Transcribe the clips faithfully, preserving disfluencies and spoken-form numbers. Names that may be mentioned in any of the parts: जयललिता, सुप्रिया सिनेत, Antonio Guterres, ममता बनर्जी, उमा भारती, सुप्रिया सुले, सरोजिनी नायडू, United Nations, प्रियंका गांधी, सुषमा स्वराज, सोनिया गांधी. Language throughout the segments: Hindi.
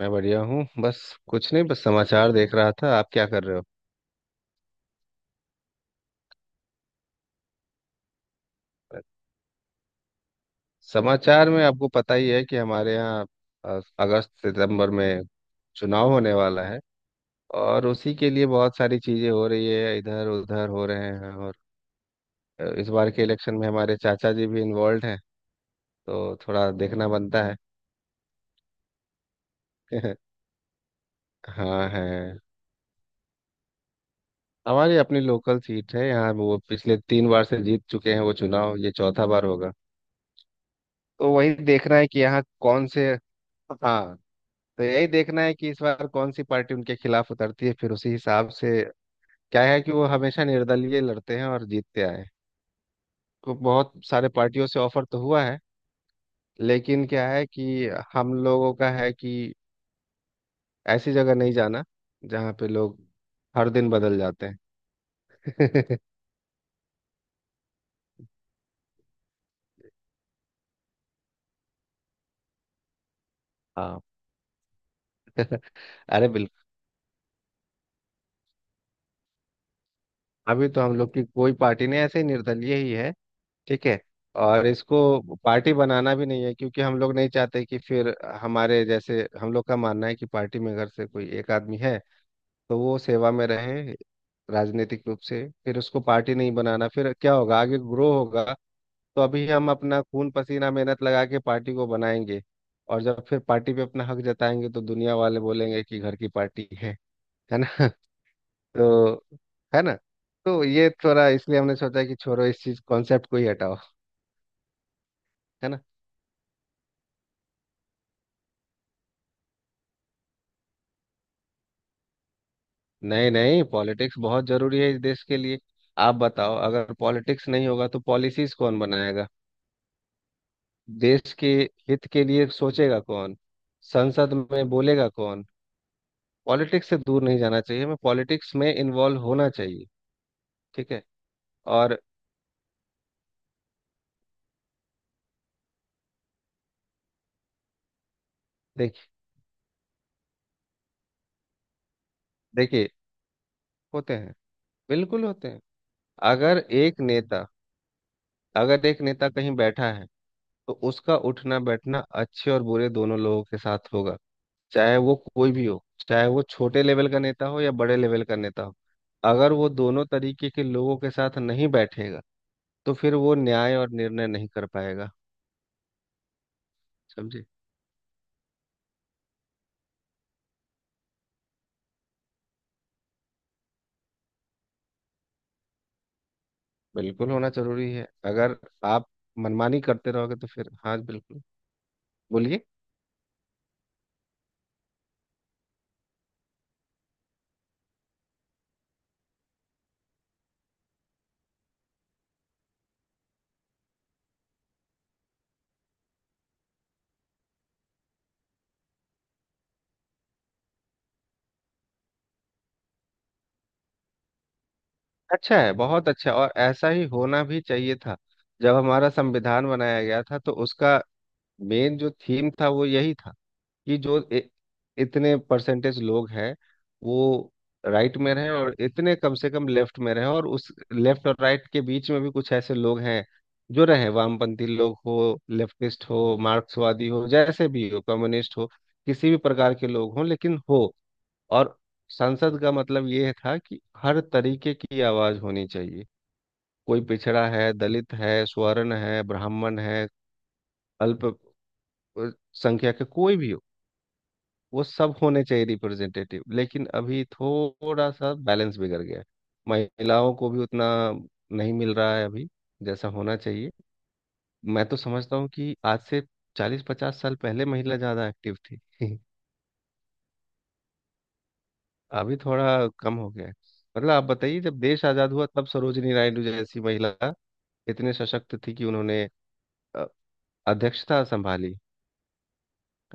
मैं बढ़िया हूँ बस। कुछ नहीं, बस समाचार देख रहा था। आप क्या कर रहे हो? समाचार में आपको पता ही है कि हमारे यहाँ अ, अगस्त सितंबर में चुनाव होने वाला है। और उसी के लिए बहुत सारी चीजें हो रही है, इधर उधर हो रहे हैं। और अ, इस बार के इलेक्शन में हमारे चाचा जी भी इन्वॉल्व हैं, तो थोड़ा देखना बनता है। हाँ है। हमारी अपनी लोकल सीट है यहाँ, वो पिछले तीन बार से जीत चुके हैं, वो चुनाव ये चौथा बार होगा। तो वही देखना है कि यहाँ कौन से। हाँ, तो यही देखना है कि इस बार कौन सी पार्टी उनके खिलाफ उतरती है, फिर उसी हिसाब से। क्या है कि वो हमेशा निर्दलीय लड़ते हैं और जीतते आए हैं। को बहुत सारे पार्टियों से ऑफर तो हुआ है, लेकिन क्या है कि हम लोगों का है कि ऐसी जगह नहीं जाना जहाँ पे लोग हर दिन बदल जाते हैं। हाँ। अरे बिल्कुल। अभी तो हम लोग की कोई पार्टी नहीं, ऐसे ही निर्दलीय ही है। ठीक है। और इसको पार्टी बनाना भी नहीं है क्योंकि हम लोग नहीं चाहते कि फिर हमारे जैसे हम लोग का मानना है कि पार्टी में अगर से कोई एक आदमी है तो वो सेवा में रहे राजनीतिक रूप से, फिर उसको पार्टी नहीं बनाना, फिर क्या होगा आगे, ग्रो होगा। तो अभी हम अपना खून पसीना मेहनत लगा के पार्टी को बनाएंगे। और जब फिर पार्टी पे अपना हक जताएंगे तो दुनिया वाले बोलेंगे कि घर की पार्टी है। है ना? तो है ना। तो ये थोड़ा इसलिए हमने सोचा कि छोड़ो, इस चीज कॉन्सेप्ट को ही हटाओ। है ना। नहीं नहीं, पॉलिटिक्स बहुत जरूरी है इस देश के लिए। आप बताओ अगर पॉलिटिक्स नहीं होगा तो पॉलिसीज कौन बनाएगा? देश के हित के लिए सोचेगा कौन? संसद में बोलेगा कौन? पॉलिटिक्स से दूर नहीं जाना चाहिए, हमें पॉलिटिक्स में इन्वॉल्व होना चाहिए। ठीक है। और देखिए, देखिए होते हैं, बिल्कुल होते हैं। अगर एक नेता अगर एक नेता कहीं बैठा है तो उसका उठना बैठना अच्छे और बुरे दोनों लोगों के साथ होगा। चाहे वो कोई भी हो, चाहे वो छोटे लेवल का नेता हो या बड़े लेवल का नेता हो। अगर वो दोनों तरीके के लोगों के साथ नहीं बैठेगा तो फिर वो न्याय और निर्णय नहीं कर पाएगा। समझे? बिल्कुल होना जरूरी है। अगर आप मनमानी करते रहोगे तो फिर हाँ बिल्कुल। बोलिए। अच्छा है, बहुत अच्छा, और ऐसा ही होना भी चाहिए था। जब हमारा संविधान बनाया गया था तो उसका मेन जो थीम था वो यही था कि जो इ, इतने परसेंटेज लोग हैं वो राइट में रहे और इतने कम से कम लेफ्ट में रहे और उस लेफ्ट और राइट के बीच में भी कुछ ऐसे लोग हैं जो रहे, वामपंथी लोग हो, लेफ्टिस्ट हो, मार्क्सवादी हो जैसे भी हो, कम्युनिस्ट हो, किसी भी प्रकार के लोग हों लेकिन हो। और संसद का मतलब ये था कि हर तरीके की आवाज होनी चाहिए। कोई पिछड़ा है, दलित है, स्वर्ण है, ब्राह्मण है, अल्प अ, संख्या के कोई भी हो, वो सब होने चाहिए रिप्रेजेंटेटिव। लेकिन अभी थोड़ा सा बैलेंस बिगड़ गया है। महिलाओं को भी उतना नहीं मिल रहा है अभी जैसा होना चाहिए। मैं तो समझता हूँ कि आज से चालीस पचास साल पहले महिला ज़्यादा एक्टिव थी। अभी थोड़ा कम हो गया है। मतलब आप बताइए, जब देश आज़ाद हुआ तब सरोजिनी नायडू जैसी महिला इतने सशक्त थी कि उन्होंने अ, अध्यक्षता संभाली।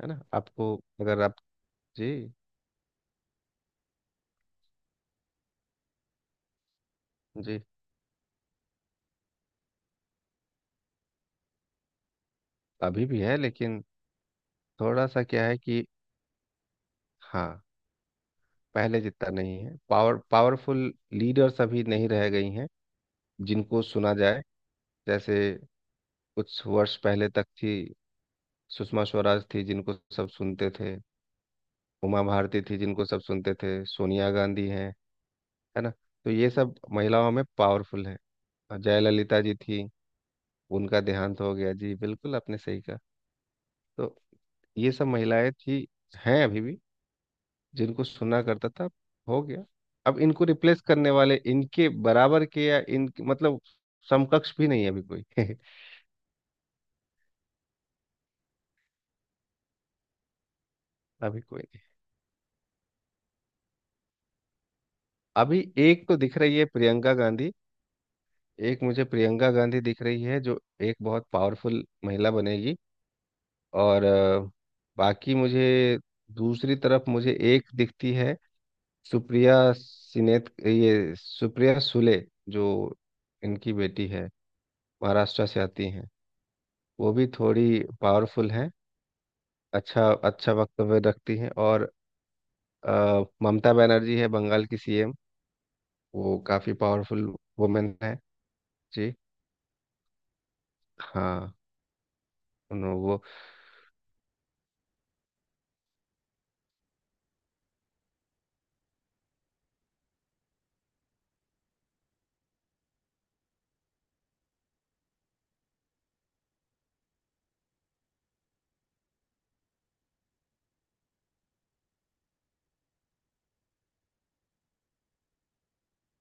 है ना? आपको अगर आप जी जी अभी भी है लेकिन थोड़ा सा क्या है कि हाँ पहले जितना नहीं है। पावर पावरफुल लीडर्स अभी नहीं रह गई हैं जिनको सुना जाए जैसे कुछ वर्ष पहले तक थी। सुषमा स्वराज थी जिनको सब सुनते थे, उमा भारती थी जिनको सब सुनते थे, सोनिया गांधी हैं। है ना? तो ये सब महिलाओं में पावरफुल है। और जयललिता जी थी, उनका देहांत हो गया जी, बिल्कुल आपने सही कहा। तो ये सब महिलाएं थी, हैं अभी भी जिनको सुना करता था। हो गया। अब इनको रिप्लेस करने वाले इनके बराबर के या इन मतलब समकक्ष भी नहीं है अभी कोई। अभी कोई नहीं। अभी एक तो दिख रही है, प्रियंका गांधी। एक मुझे प्रियंका गांधी दिख रही है जो एक बहुत पावरफुल महिला बनेगी। और अ, बाकी मुझे दूसरी तरफ मुझे एक दिखती है सुप्रिया सिनेत, ये सुप्रिया सुले जो इनकी बेटी है, महाराष्ट्र से आती हैं। वो भी थोड़ी पावरफुल हैं, अच्छा अच्छा वक्तव्य रखती हैं। और अ, ममता बनर्जी है बंगाल की सीएम। वो काफ़ी पावरफुल वुमेन है। जी हाँ। उन- वो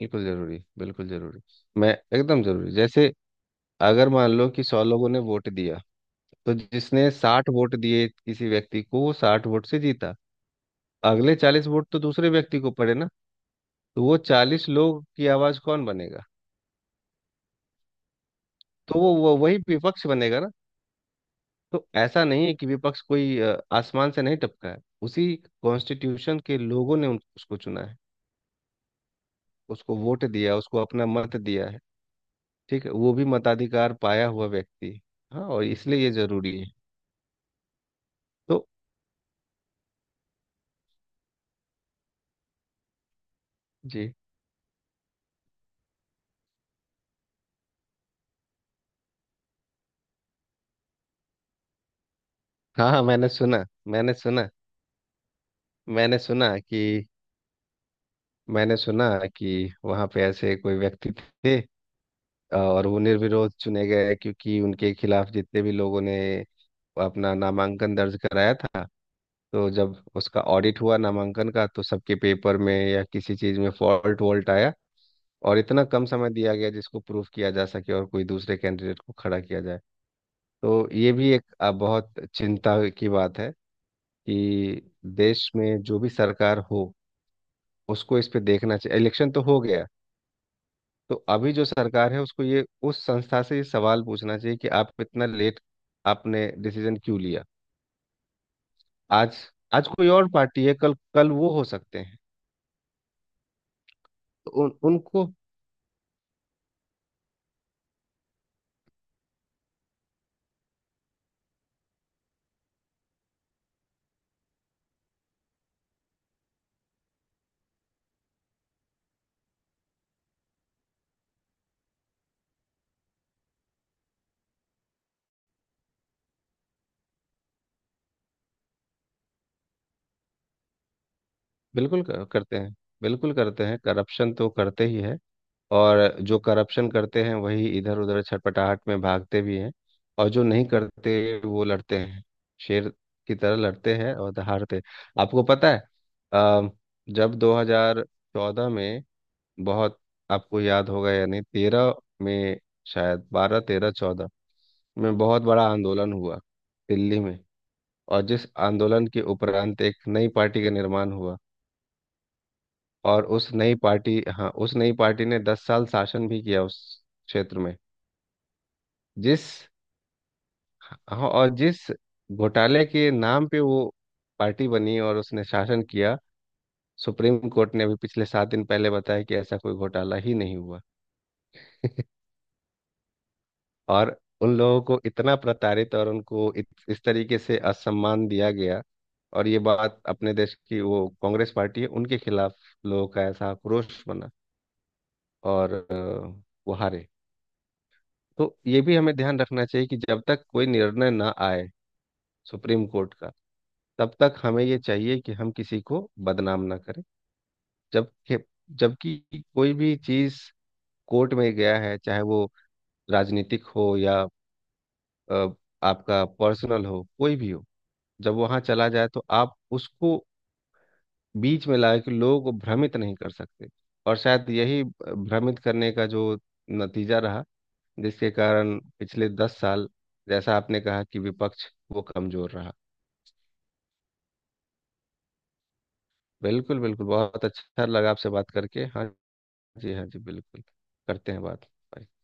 बिल्कुल ज़रूरी, बिल्कुल ज़रूरी। मैं एकदम ज़रूरी। जैसे अगर मान लो कि सौ लोगों ने वोट दिया तो जिसने साठ वोट दिए किसी व्यक्ति को वो साठ वोट से जीता। अगले चालीस वोट तो दूसरे व्यक्ति को पड़े ना? तो वो चालीस लोग की आवाज़ कौन बनेगा? तो वो वो वही विपक्ष बनेगा ना। तो ऐसा नहीं है कि विपक्ष कोई अ, आसमान से नहीं टपका है। उसी कॉन्स्टिट्यूशन के लोगों ने उन- उसको चुना है। उसको वोट दिया, उसको अपना मत दिया है। ठीक है, वो भी मताधिकार पाया हुआ व्यक्ति है। हाँ, और इसलिए ये जरूरी है। तो जी। हाँ हाँ, मैंने सुना, मैंने सुना। मैंने सुना कि मैंने सुना कि वहाँ पे ऐसे कोई व्यक्ति थे और वो निर्विरोध चुने गए क्योंकि उनके खिलाफ जितने भी लोगों ने अपना नामांकन दर्ज कराया था, तो जब उसका ऑडिट हुआ नामांकन का तो सबके पेपर में या किसी चीज़ में फॉल्ट वॉल्ट आया। और इतना कम समय दिया गया जिसको प्रूफ किया जा सके और कोई दूसरे कैंडिडेट को खड़ा किया जाए। तो ये भी एक अ, बहुत चिंता की बात है कि देश में जो भी सरकार हो उसको इस पे देखना चाहिए। इलेक्शन तो हो गया, तो अभी जो सरकार है उसको ये उस संस्था से ये सवाल पूछना चाहिए कि आप इतना लेट आपने डिसीजन क्यों लिया। आज आज कोई और पार्टी है, कल कल वो हो सकते हैं। तो उन, उनको बिल्कुल क- करते हैं, बिल्कुल करते हैं। करप्शन तो करते ही है। और जो करप्शन करते हैं वही इधर उधर छटपटाहट में भागते भी हैं। और जो नहीं करते वो लड़ते हैं, शेर की तरह लड़ते हैं और हारते। आपको पता है अ, जब दो हज़ार चौदह में बहुत आपको याद होगा या नहीं तेरह में शायद बारह तेरह चौदह में बहुत बड़ा आंदोलन हुआ दिल्ली में। और जिस आंदोलन के उपरांत एक नई पार्टी का निर्माण हुआ। और उस नई पार्टी हाँ उस नई पार्टी ने दस साल शासन भी किया उस क्षेत्र में। जिस हाँ और जिस घोटाले के नाम पे वो पार्टी बनी और उसने शासन किया, सुप्रीम कोर्ट ने अभी पिछले सात दिन पहले बताया कि ऐसा कोई घोटाला ही नहीं हुआ। और उन लोगों को इतना प्रताड़ित और उनको इत, इस तरीके से असम्मान दिया गया। और ये बात अपने देश की वो कांग्रेस पार्टी है, उनके खिलाफ लोगों का ऐसा आक्रोश बना। और अ, वो हारे। तो ये भी हमें ध्यान रखना चाहिए कि जब तक कोई निर्णय ना आए सुप्रीम कोर्ट का तब तक हमें ये चाहिए कि हम किसी को बदनाम ना करें। जब जबकि कोई भी चीज कोर्ट में गया है, चाहे वो राजनीतिक हो या अ, आपका पर्सनल हो, कोई भी हो, जब वहां चला जाए तो आप उसको बीच में लाए कि लोग भ्रमित नहीं कर सकते। और शायद यही भ्रमित करने का जो नतीजा रहा जिसके कारण पिछले दस साल जैसा आपने कहा कि विपक्ष वो कमजोर रहा। बिल्कुल बिल्कुल बहुत अच्छा लगा आपसे बात करके। हाँ जी, हाँ जी बिल्कुल। करते हैं बात। Bye।